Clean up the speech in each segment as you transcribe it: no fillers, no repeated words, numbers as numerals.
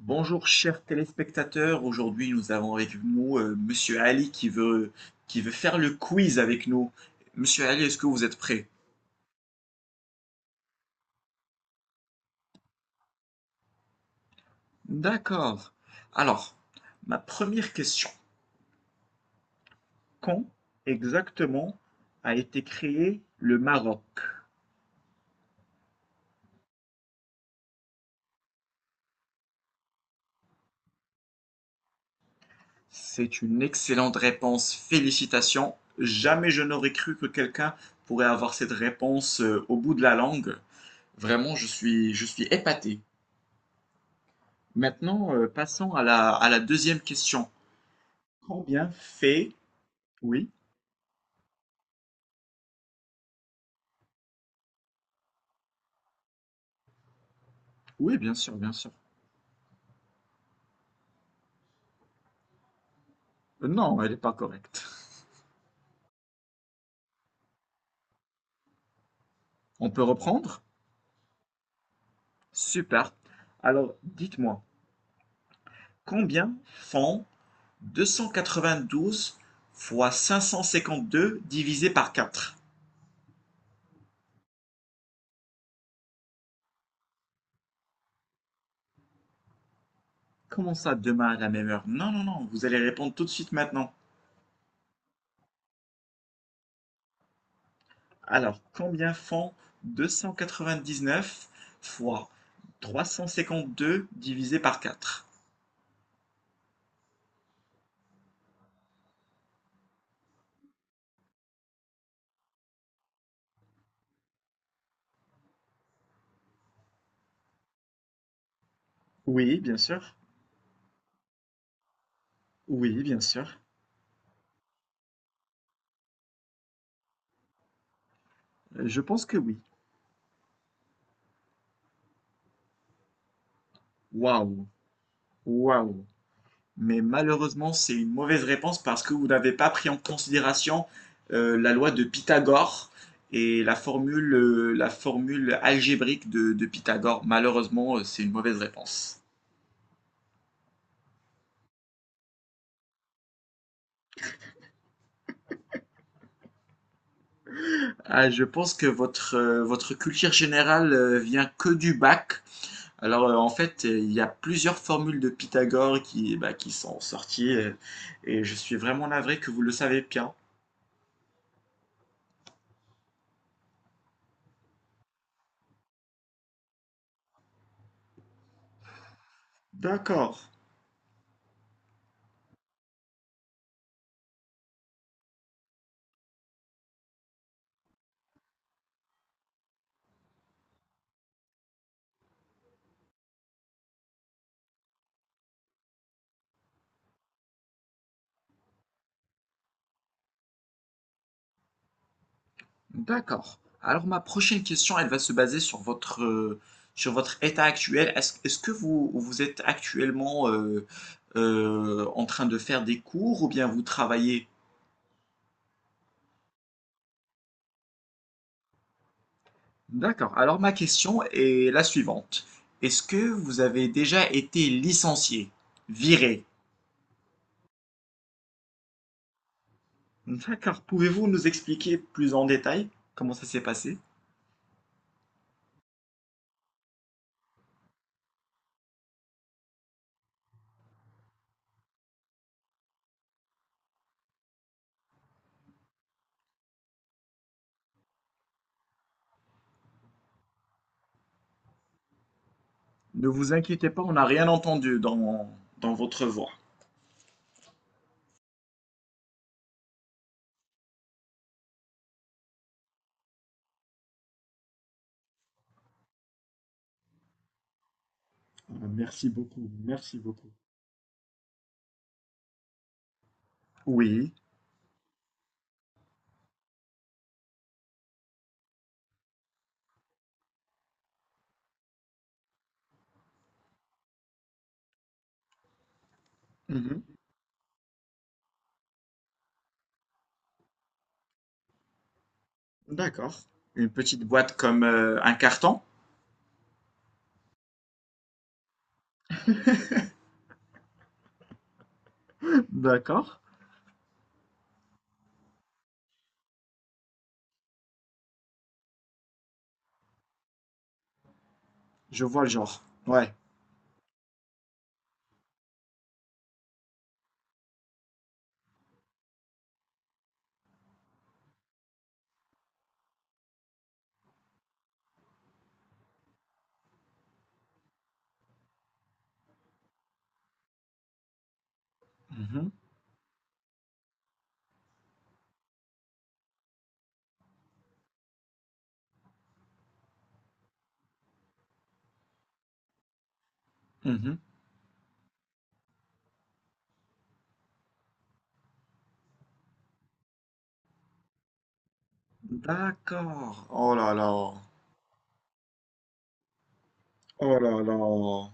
Bonjour chers téléspectateurs, aujourd'hui nous avons avec nous Monsieur Ali qui veut faire le quiz avec nous. Monsieur Ali, est-ce que vous êtes prêt? D'accord. Alors, ma première question. Quand exactement a été créé le Maroc? C'est une excellente réponse, félicitations. Jamais je n'aurais cru que quelqu'un pourrait avoir cette réponse au bout de la langue. Vraiment, je suis épaté. Maintenant, passons à la deuxième question. Combien fait... Oui, oui, bien sûr, bien sûr. Non, elle n'est pas correcte. On peut reprendre? Super. Alors, dites-moi, combien font 292 fois 552 divisé par 4? Comment ça, demain à la même heure? Non, non, non, vous allez répondre tout de suite maintenant. Alors, combien font 299 fois 352 divisé par 4? Oui, bien sûr. Oui, bien sûr. Je pense que oui. Waouh, waouh! Mais malheureusement, c'est une mauvaise réponse parce que vous n'avez pas pris en considération la loi de Pythagore et la formule algébrique de Pythagore. Malheureusement, c'est une mauvaise réponse. Ah, je pense que votre culture générale vient que du bac. Alors, en fait, il y a plusieurs formules de Pythagore qui, bah, qui sont sorties et je suis vraiment navré que vous le savez bien. D'accord. D'accord. Alors ma prochaine question, elle va se baser sur sur votre état actuel. Est-ce que vous êtes actuellement en train de faire des cours ou bien vous travaillez? D'accord. Alors ma question est la suivante. Est-ce que vous avez déjà été licencié, viré? D'accord. Pouvez-vous nous expliquer plus en détail comment ça s'est passé? Ne vous inquiétez pas, on n'a rien entendu dans votre voix. Ah, merci beaucoup, merci beaucoup. Oui. Mhm. D'accord. Une petite boîte comme un carton? D'accord. Je vois le genre. Ouais. Mhm. Mhm. D'accord. Oh là là. Oh là là.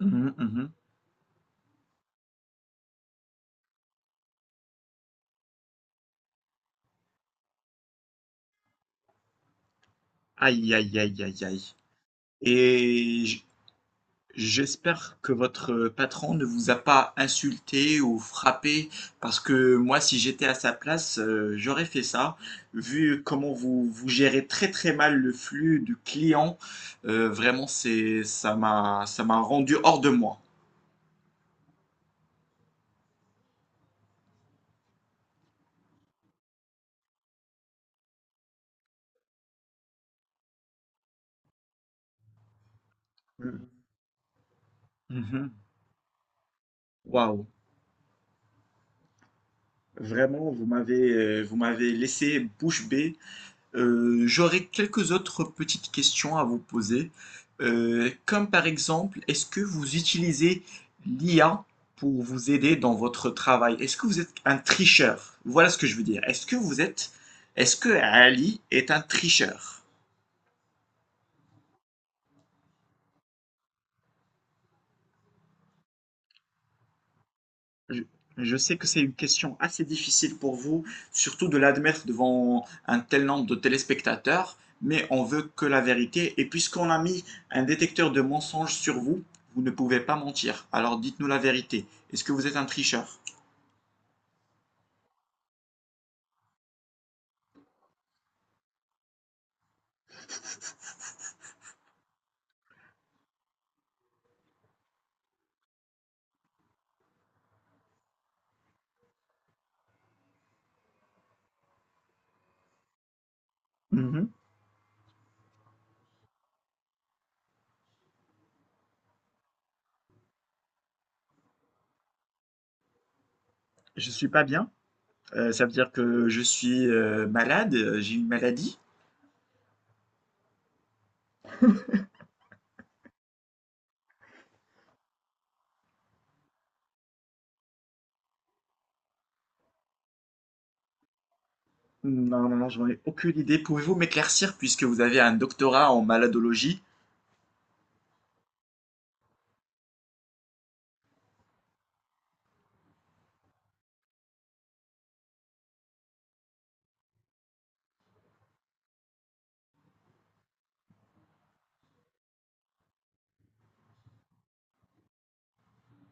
Mhm, mhm. Aïe, aïe, aïe, aïe, aïe. Et j- J'espère que votre patron ne vous a pas insulté ou frappé, parce que moi, si j'étais à sa place, j'aurais fait ça. Vu comment vous gérez très très mal le flux du client, vraiment, ça m'a rendu hors de moi. Mhm. Mhm. Waouh, vraiment, vous m'avez laissé bouche bée. J'aurais quelques autres petites questions à vous poser. Comme par exemple, est-ce que vous utilisez l'IA pour vous aider dans votre travail? Est-ce que vous êtes un tricheur? Voilà ce que je veux dire. Est-ce que Ali est un tricheur? Je, je sais que c'est une question assez difficile pour vous, surtout de l'admettre devant un tel nombre de téléspectateurs, mais on veut que la vérité. Et puisqu'on a mis un détecteur de mensonges sur vous, vous ne pouvez pas mentir. Alors dites-nous la vérité. Est-ce que vous êtes un tricheur? Mhm. Je suis pas bien. Ça veut dire que je suis malade, j'ai une maladie. Non, non, non, j'en ai aucune idée. Pouvez-vous m'éclaircir puisque vous avez un doctorat en maladologie?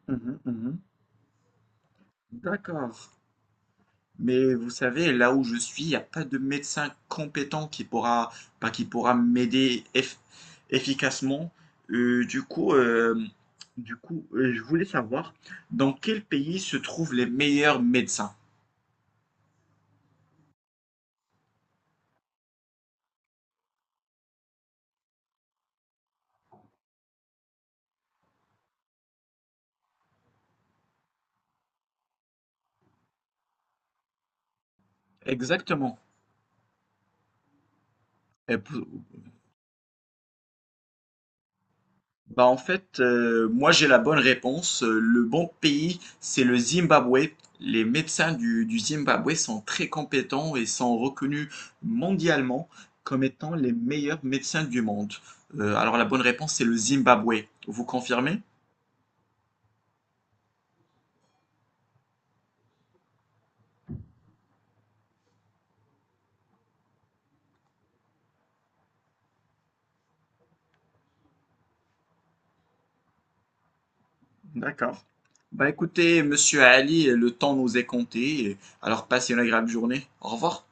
Mhm, mhm. D'accord. Mais vous savez, là où je suis, il n'y a pas de médecin compétent bah, qui pourra m'aider efficacement. Euh, du coup, euh, je voulais savoir dans quel pays se trouvent les meilleurs médecins. Exactement. Et pou- Bah en fait, moi j'ai la bonne réponse. Le bon pays, c'est le Zimbabwe. Les médecins du Zimbabwe sont très compétents et sont reconnus mondialement comme étant les meilleurs médecins du monde. Alors la bonne réponse, c'est le Zimbabwe. Vous confirmez? D'accord. Bah écoutez, monsieur Ali, le temps nous est compté. Alors passez une agréable journée. Au revoir.